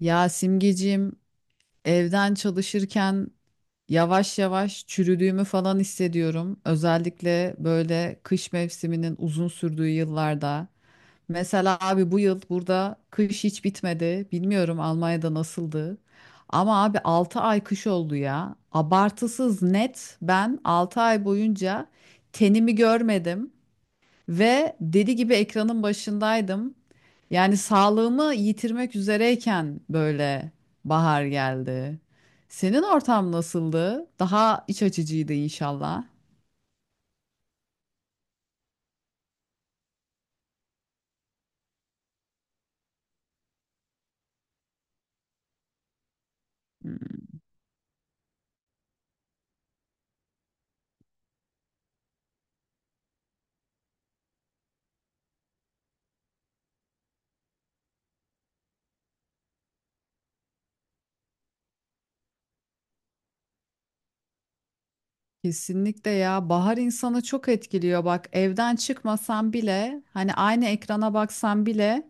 Ya Simgeciğim, evden çalışırken yavaş yavaş çürüdüğümü falan hissediyorum. Özellikle böyle kış mevsiminin uzun sürdüğü yıllarda. Mesela abi bu yıl burada kış hiç bitmedi. Bilmiyorum Almanya'da nasıldı. Ama abi 6 ay kış oldu ya. Abartısız net ben 6 ay boyunca tenimi görmedim. Ve deli gibi ekranın başındaydım. Yani sağlığımı yitirmek üzereyken böyle bahar geldi. Senin ortam nasıldı? Daha iç açıcıydı inşallah. Kesinlikle ya, bahar insanı çok etkiliyor. Bak evden çıkmasan bile, hani aynı ekrana baksan bile,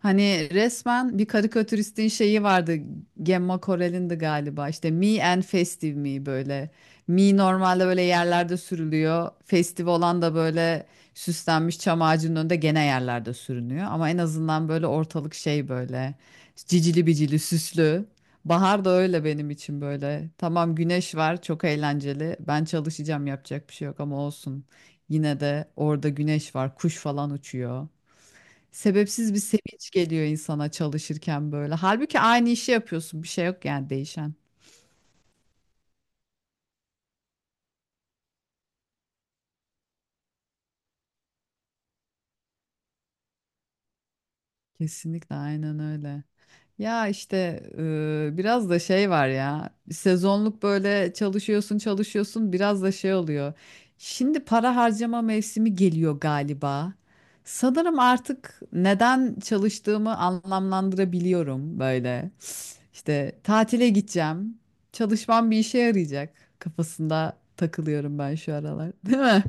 hani resmen bir karikatüristin şeyi vardı. Gemma Korel'indi galiba, işte me and festive me, böyle me normalde böyle yerlerde sürülüyor, festive olan da böyle süslenmiş çam ağacının önünde gene yerlerde sürünüyor ama en azından böyle ortalık şey, böyle cicili bicili süslü. Bahar da öyle benim için böyle. Tamam, güneş var, çok eğlenceli. Ben çalışacağım, yapacak bir şey yok ama olsun. Yine de orada güneş var, kuş falan uçuyor. Sebepsiz bir sevinç geliyor insana çalışırken böyle. Halbuki aynı işi yapıyorsun, bir şey yok yani değişen. Kesinlikle aynen öyle. Ya işte biraz da şey var ya, sezonluk böyle çalışıyorsun çalışıyorsun, biraz da şey oluyor. Şimdi para harcama mevsimi geliyor galiba. Sanırım artık neden çalıştığımı anlamlandırabiliyorum böyle. İşte tatile gideceğim. Çalışmam bir işe yarayacak kafasında takılıyorum ben şu aralar, değil mi?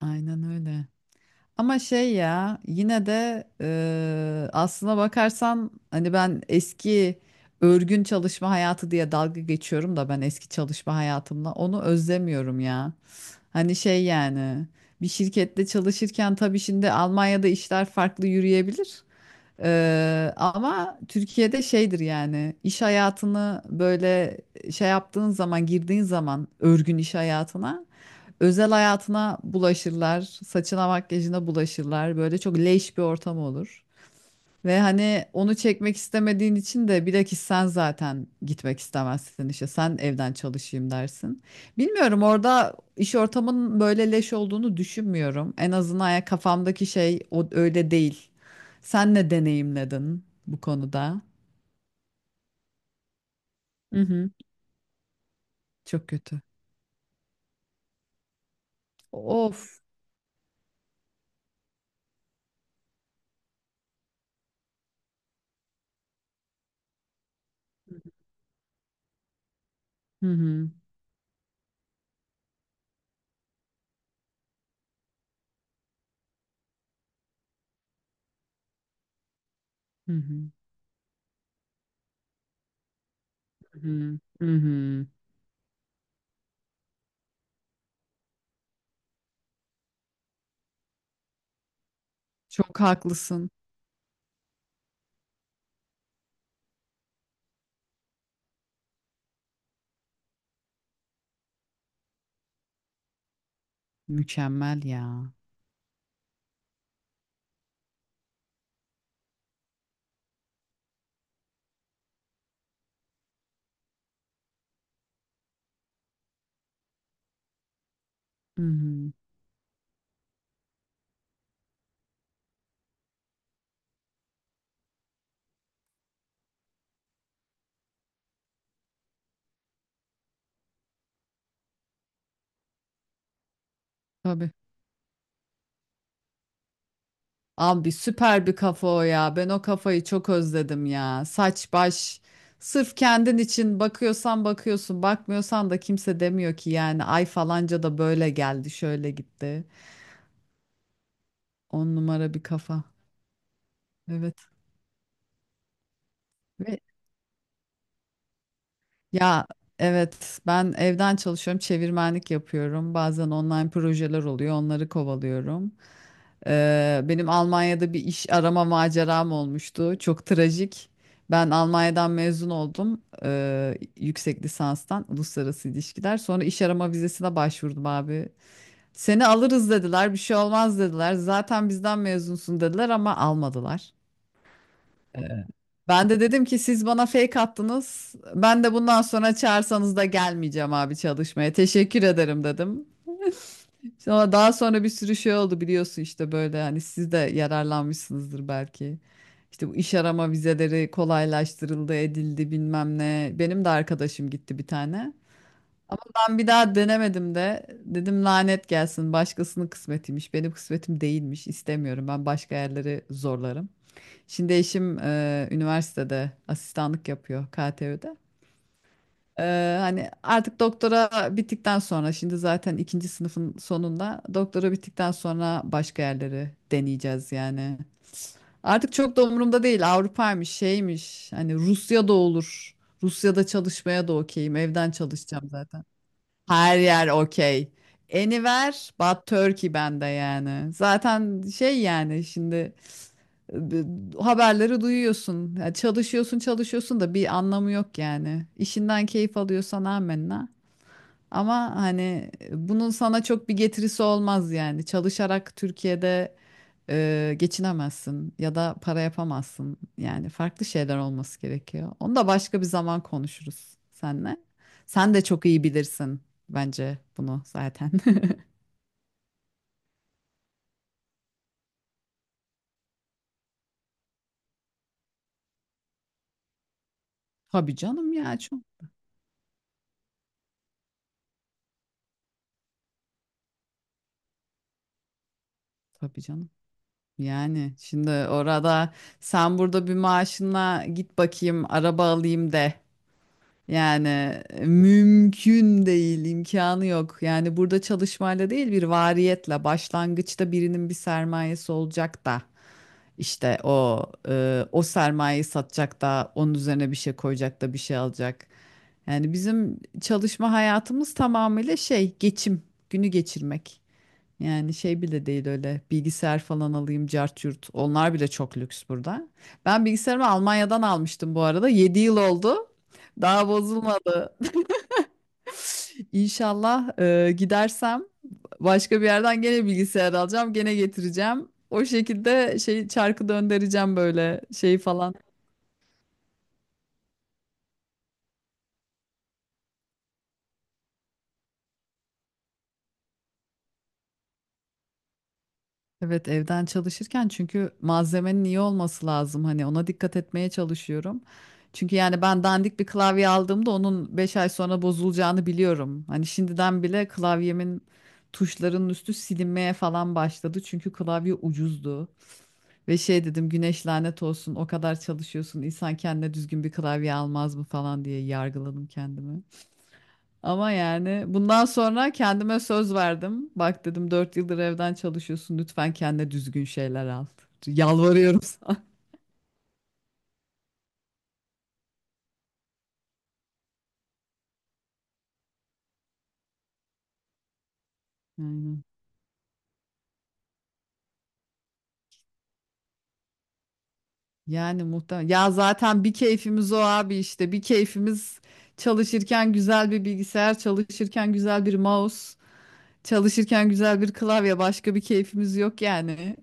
Aynen öyle. Ama şey ya, yine de aslına bakarsan hani ben eski örgün çalışma hayatı diye dalga geçiyorum da ben eski çalışma hayatımla onu özlemiyorum ya. Hani şey yani bir şirkette çalışırken tabii şimdi Almanya'da işler farklı yürüyebilir. Ama Türkiye'de şeydir yani, iş hayatını böyle şey yaptığın zaman, girdiğin zaman örgün iş hayatına, özel hayatına bulaşırlar, saçına makyajına bulaşırlar, böyle çok leş bir ortam olur. Ve hani onu çekmek istemediğin için de bilakis sen zaten gitmek istemezsin, işte sen evden çalışayım dersin. Bilmiyorum, orada iş ortamının böyle leş olduğunu düşünmüyorum. En azından ya, kafamdaki şey o, öyle değil. Sen ne deneyimledin bu konuda? Hı hı, çok kötü. Of. Hı hı, hı hı, hı hı. Hı hı. Çok haklısın. Mükemmel ya. Hı hı. Tabii. Abi süper bir kafa o ya. Ben o kafayı çok özledim ya. Saç baş. Sırf kendin için bakıyorsan bakıyorsun, bakmıyorsan da kimse demiyor ki yani ay falanca da böyle geldi, şöyle gitti. 10 numara bir kafa. Evet. Ve Ya evet, ben evden çalışıyorum, çevirmenlik yapıyorum. Bazen online projeler oluyor, onları kovalıyorum. Benim Almanya'da bir iş arama maceram olmuştu. Çok trajik. Ben Almanya'dan mezun oldum yüksek lisanstan, uluslararası ilişkiler. Sonra iş arama vizesine başvurdum abi. Seni alırız dediler, bir şey olmaz dediler. Zaten bizden mezunsun dediler ama almadılar. Ben de dedim ki siz bana fake attınız. Ben de bundan sonra çağırsanız da gelmeyeceğim abi çalışmaya. Teşekkür ederim dedim. Sonra daha sonra bir sürü şey oldu, biliyorsun işte, böyle hani siz de yararlanmışsınızdır belki. İşte bu iş arama vizeleri kolaylaştırıldı, edildi bilmem ne. Benim de arkadaşım gitti bir tane. Ama ben bir daha denemedim de dedim lanet gelsin, başkasının kısmetiymiş. Benim kısmetim değilmiş. İstemiyorum. Ben başka yerleri zorlarım. Şimdi eşim üniversitede asistanlık yapıyor, KTÜ'de. E, hani artık doktora bittikten sonra, şimdi zaten ikinci sınıfın sonunda, doktora bittikten sonra başka yerleri deneyeceğiz yani. Artık çok da umurumda değil Avrupa'ymış şeymiş, hani Rusya'da olur. Rusya'da çalışmaya da okeyim, evden çalışacağım zaten. Her yer okey. Anywhere but Turkey bende yani. Zaten şey yani, şimdi e, haberleri duyuyorsun. Ya çalışıyorsun çalışıyorsun da bir anlamı yok yani. İşinden keyif alıyorsan amenna. Ama hani bunun sana çok bir getirisi olmaz yani. Çalışarak Türkiye'de geçinemezsin ya da para yapamazsın. Yani farklı şeyler olması gerekiyor. Onu da başka bir zaman konuşuruz seninle. Sen de çok iyi bilirsin bence bunu zaten. Tabii canım ya, çok. Tabii canım. Yani şimdi orada, sen burada bir maaşına git bakayım araba alayım de. Yani mümkün değil, imkanı yok. Yani burada çalışmayla değil, bir variyetle, başlangıçta birinin bir sermayesi olacak da, işte o o sermayeyi satacak da, onun üzerine bir şey koyacak da bir şey alacak. Yani bizim çalışma hayatımız tamamıyla şey, geçim, günü geçirmek. Yani şey bile değil öyle, bilgisayar falan alayım cart yurt. Onlar bile çok lüks burada. Ben bilgisayarımı Almanya'dan almıştım bu arada. 7 yıl oldu. Daha bozulmadı. İnşallah gidersem başka bir yerden gene bilgisayar alacağım. Gene getireceğim. O şekilde şey çarkı döndüreceğim böyle şey falan. Evet, evden çalışırken çünkü malzemenin iyi olması lazım, hani ona dikkat etmeye çalışıyorum. Çünkü yani ben dandik bir klavye aldığımda onun 5 ay sonra bozulacağını biliyorum. Hani şimdiden bile klavyemin tuşlarının üstü silinmeye falan başladı. Çünkü klavye ucuzdu. Ve şey dedim, güneş lanet olsun, o kadar çalışıyorsun, insan kendine düzgün bir klavye almaz mı falan diye yargıladım kendimi. Ama yani bundan sonra kendime söz verdim. Bak dedim, 4 yıldır evden çalışıyorsun. Lütfen kendine düzgün şeyler al. Yalvarıyorum sana. Aynen. Yani muhtemelen. Ya zaten bir keyfimiz o abi işte. Bir keyfimiz çalışırken güzel bir bilgisayar, çalışırken güzel bir mouse, çalışırken güzel bir klavye. Başka bir keyfimiz yok yani.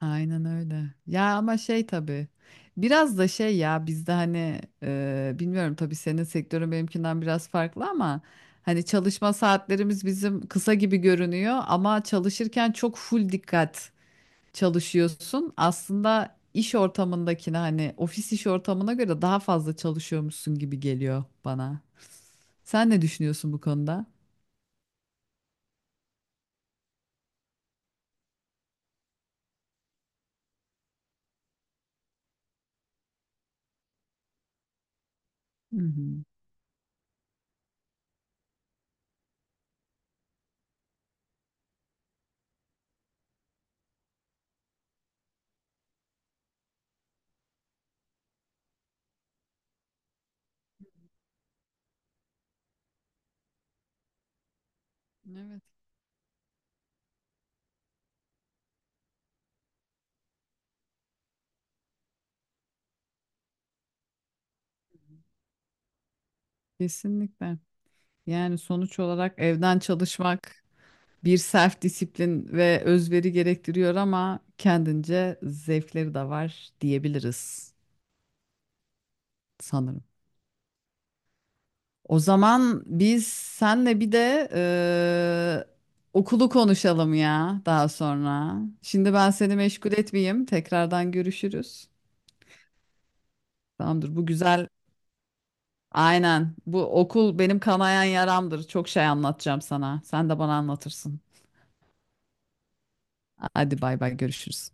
Aynen öyle. Ya ama şey tabii. Biraz da şey ya, bizde hani bilmiyorum, tabii senin sektörün benimkinden biraz farklı ama hani çalışma saatlerimiz bizim kısa gibi görünüyor ama çalışırken çok full dikkat çalışıyorsun. Aslında iş ortamındakine, hani ofis iş ortamına göre daha fazla çalışıyormuşsun gibi geliyor bana. Sen ne düşünüyorsun bu konuda? Hı hı. Evet, kesinlikle. Yani sonuç olarak evden çalışmak bir self disiplin ve özveri gerektiriyor ama kendince zevkleri de var diyebiliriz sanırım. O zaman biz senle bir de okulu konuşalım ya daha sonra. Şimdi ben seni meşgul etmeyeyim. Tekrardan görüşürüz. Tamamdır. Bu güzel. Aynen. Bu okul benim kanayan yaramdır. Çok şey anlatacağım sana. Sen de bana anlatırsın. Hadi bay bay, görüşürüz.